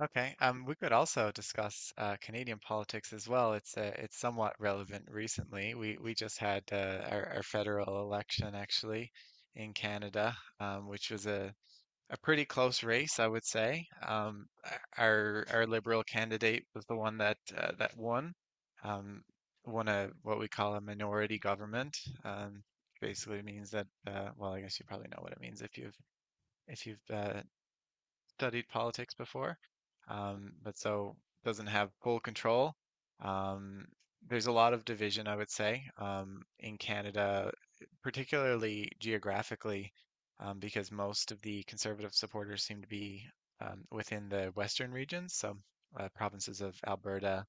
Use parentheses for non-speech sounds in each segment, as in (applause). Okay, we could also discuss Canadian politics as well. It's somewhat relevant recently. We just had our federal election actually in Canada, which was a pretty close race, I would say. Our Liberal candidate was the one that that won, um, won a what we call a minority government. Um, basically means that well, I guess you probably know what it means if you've if you've studied politics before, but so doesn't have full control. Um, there's a lot of division, I would say, in Canada, particularly geographically, because most of the conservative supporters seem to be within the western regions, so provinces of Alberta,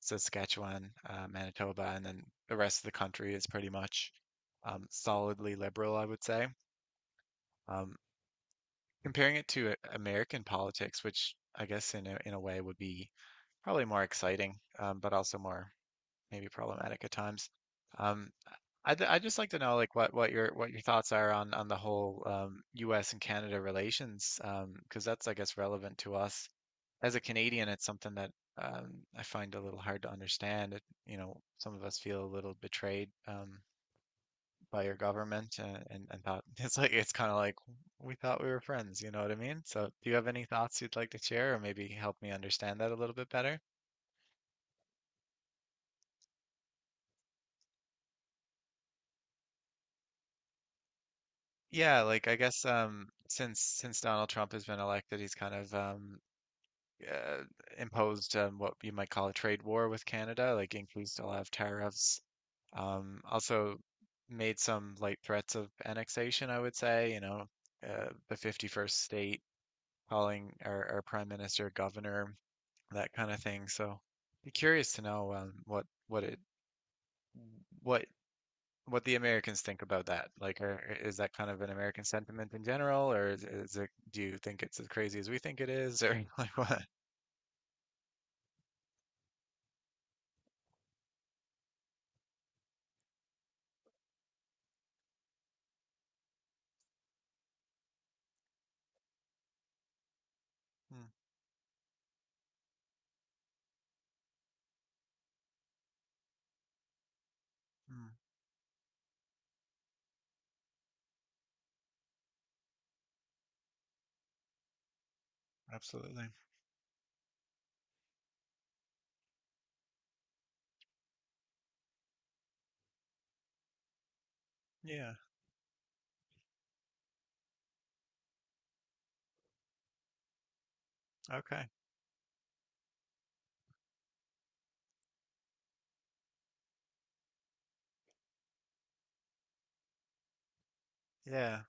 Saskatchewan, Manitoba, and then the rest of the country is pretty much solidly liberal, I would say. Um, comparing it to American politics, which I guess in a way would be probably more exciting, but also more maybe problematic at times. Um, I'd just like to know like what your thoughts are on the whole U.S. and Canada relations, because that's I guess relevant to us. As a Canadian, it's something that I find a little hard to understand. It, you know, some of us feel a little betrayed. By your government and thought (laughs) it's like it's kind of like we thought we were friends, you know what I mean? So do you have any thoughts you'd like to share or maybe help me understand that a little bit better? Yeah, like I guess since Donald Trump has been elected, he's kind of uh, imposed what you might call a trade war with Canada, like increased a lot of tariffs. Also made some light threats of annexation, I would say, you know, the 51st state calling our prime minister governor, that kind of thing. So be curious to know what it what what the Americans think about that. Like, is that kind of an American sentiment in general, or is it? Do you think it's as crazy as we think it is, or (laughs) like what? Mm, mm, absolutely. Yeah. Okay. Yeah.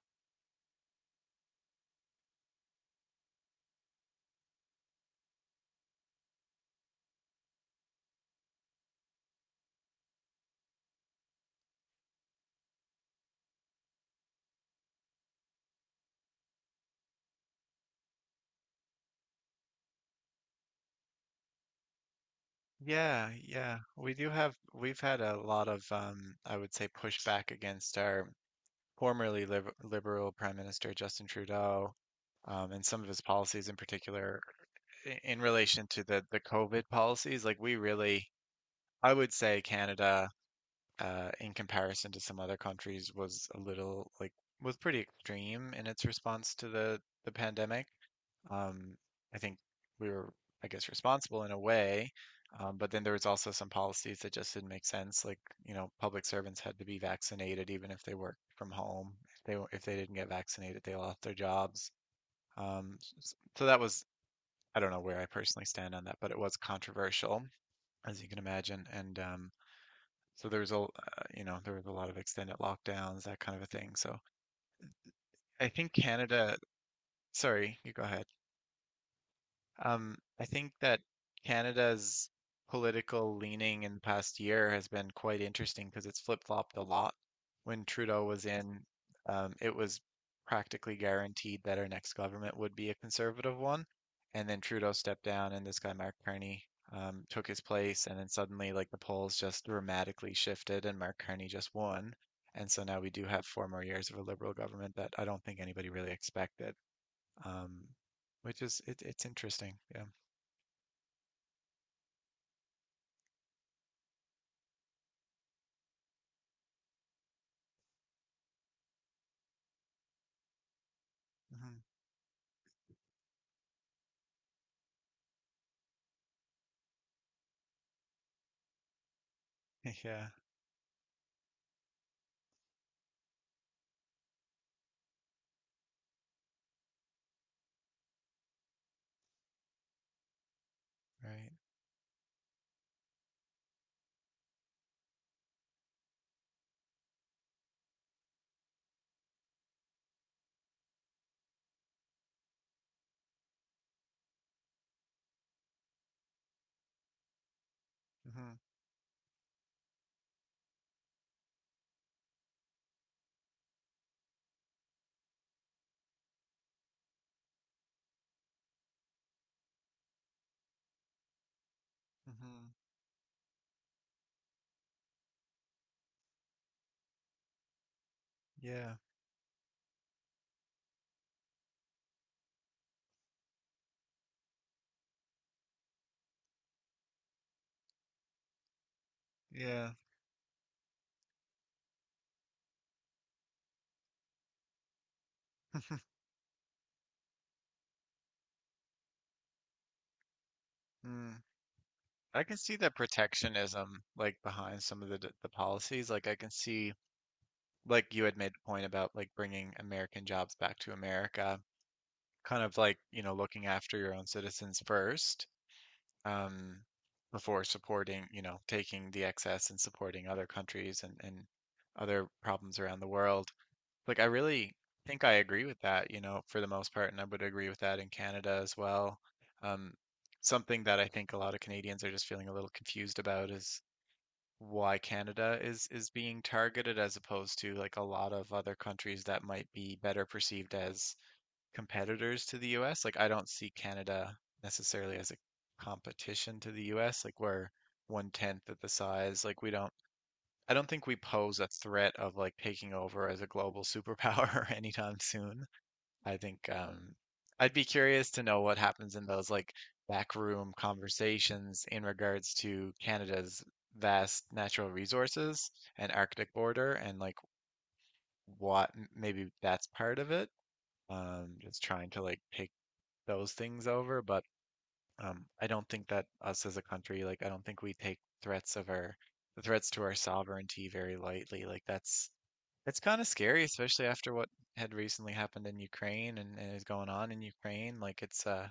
Yeah. Yeah, we do have. We've had a lot of, I would say, pushback against our formerly liberal Prime Minister Justin Trudeau, and some of his policies in particular in relation to the COVID policies, like we really, I would say Canada, in comparison to some other countries, was a little like was pretty extreme in its response to the pandemic. Um, I think we were, I guess, responsible in a way, but then there was also some policies that just didn't make sense. Like, you know, public servants had to be vaccinated even if they worked from home. If they didn't get vaccinated, they lost their jobs. So that was I don't know where I personally stand on that, but it was controversial, as you can imagine. And so there was you know, there was a lot of extended lockdowns, that kind of a thing. So I think Canada, sorry, you go ahead. I think that Canada's political leaning in the past year has been quite interesting because it's flip-flopped a lot. When Trudeau was in, it was practically guaranteed that our next government would be a conservative one. And then Trudeau stepped down, and this guy, Mark Carney, took his place. And then suddenly, like, the polls just dramatically shifted, and Mark Carney just won. And so now we do have four more years of a liberal government that I don't think anybody really expected, um, which is it's interesting. Yeah. Hmm. (laughs) Yeah. Right. Hmm. Hmm. Yeah. Yeah. (laughs) Mm. I can see the protectionism like behind some of the policies. Like I can see, like you had made the point about like bringing American jobs back to America, kind of like, you know, looking after your own citizens first, um, before supporting, you know, taking the excess and supporting other countries and other problems around the world. Like, I really think I agree with that, you know, for the most part, and I would agree with that in Canada as well. Um, something that I think a lot of Canadians are just feeling a little confused about is why Canada is being targeted as opposed to like a lot of other countries that might be better perceived as competitors to the US. Like I don't see Canada necessarily as a competition to the US. Like we're one tenth of the size. Like we don't I don't think we pose a threat of like taking over as a global superpower (laughs) anytime soon. I think I'd be curious to know what happens in those like backroom conversations in regards to Canada's vast natural resources and Arctic border, and like what maybe that's part of it, just trying to like pick those things over, but I don't think that us as a country, like, I don't think we take threats of our the threats to our sovereignty very lightly. Like, that's kind of scary, especially after what had recently happened in Ukraine and is going on in Ukraine. Like, it's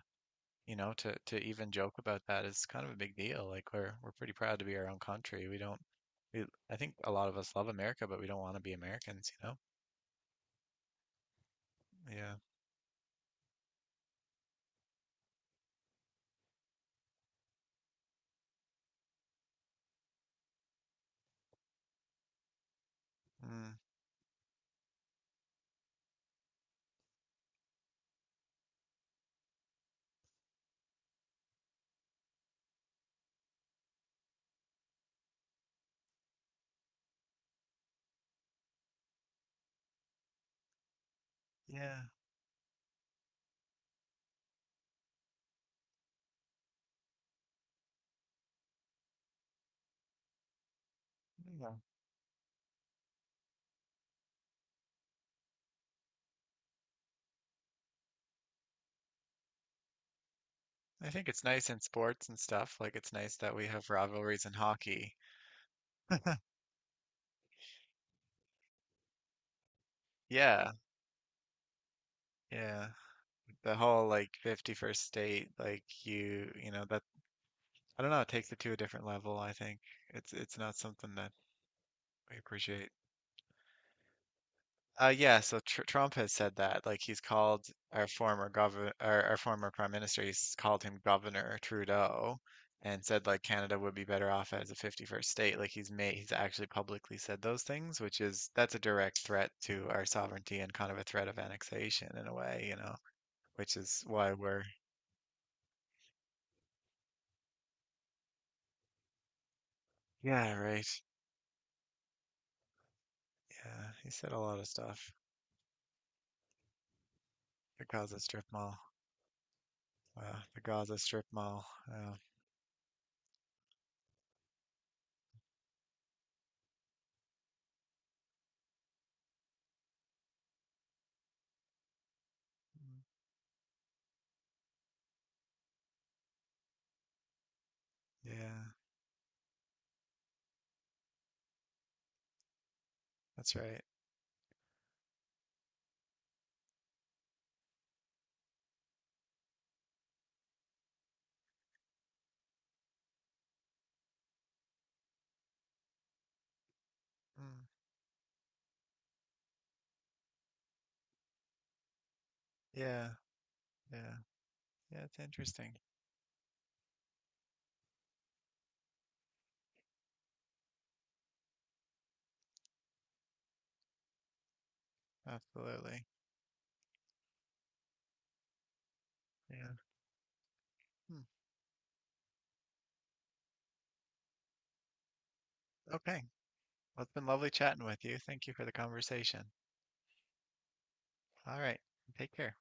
you know, to even joke about that is kind of a big deal. Like, we're pretty proud to be our own country. We don't. We, I think a lot of us love America, but we don't want to be Americans, you know? Yeah. Mm, yeah. Yeah. I think it's nice in sports and stuff. Like it's nice that we have rivalries in hockey. Yeah, yeah. The whole like 51st state, like you know, that I don't know, it takes it to a different level, I think. It's not something that we appreciate. Yeah, so tr Trump has said that. Like he's called our former governor, our former prime minister, he's called him Governor Trudeau, and said like Canada would be better off as a 51st state. Like he's actually publicly said those things, which is that's a direct threat to our sovereignty and kind of a threat of annexation in a way, you know, which is why we're yeah, right. Yeah, he said a lot of stuff. The Gaza Strip Mall, the Gaza Strip Mall. Uh, yeah, that's right. Mm, yeah. Yeah. Yeah, it's interesting. Absolutely. Yeah. Hmm. Okay. Well, it's been lovely chatting with you. Thank you for the conversation. All right. Take care.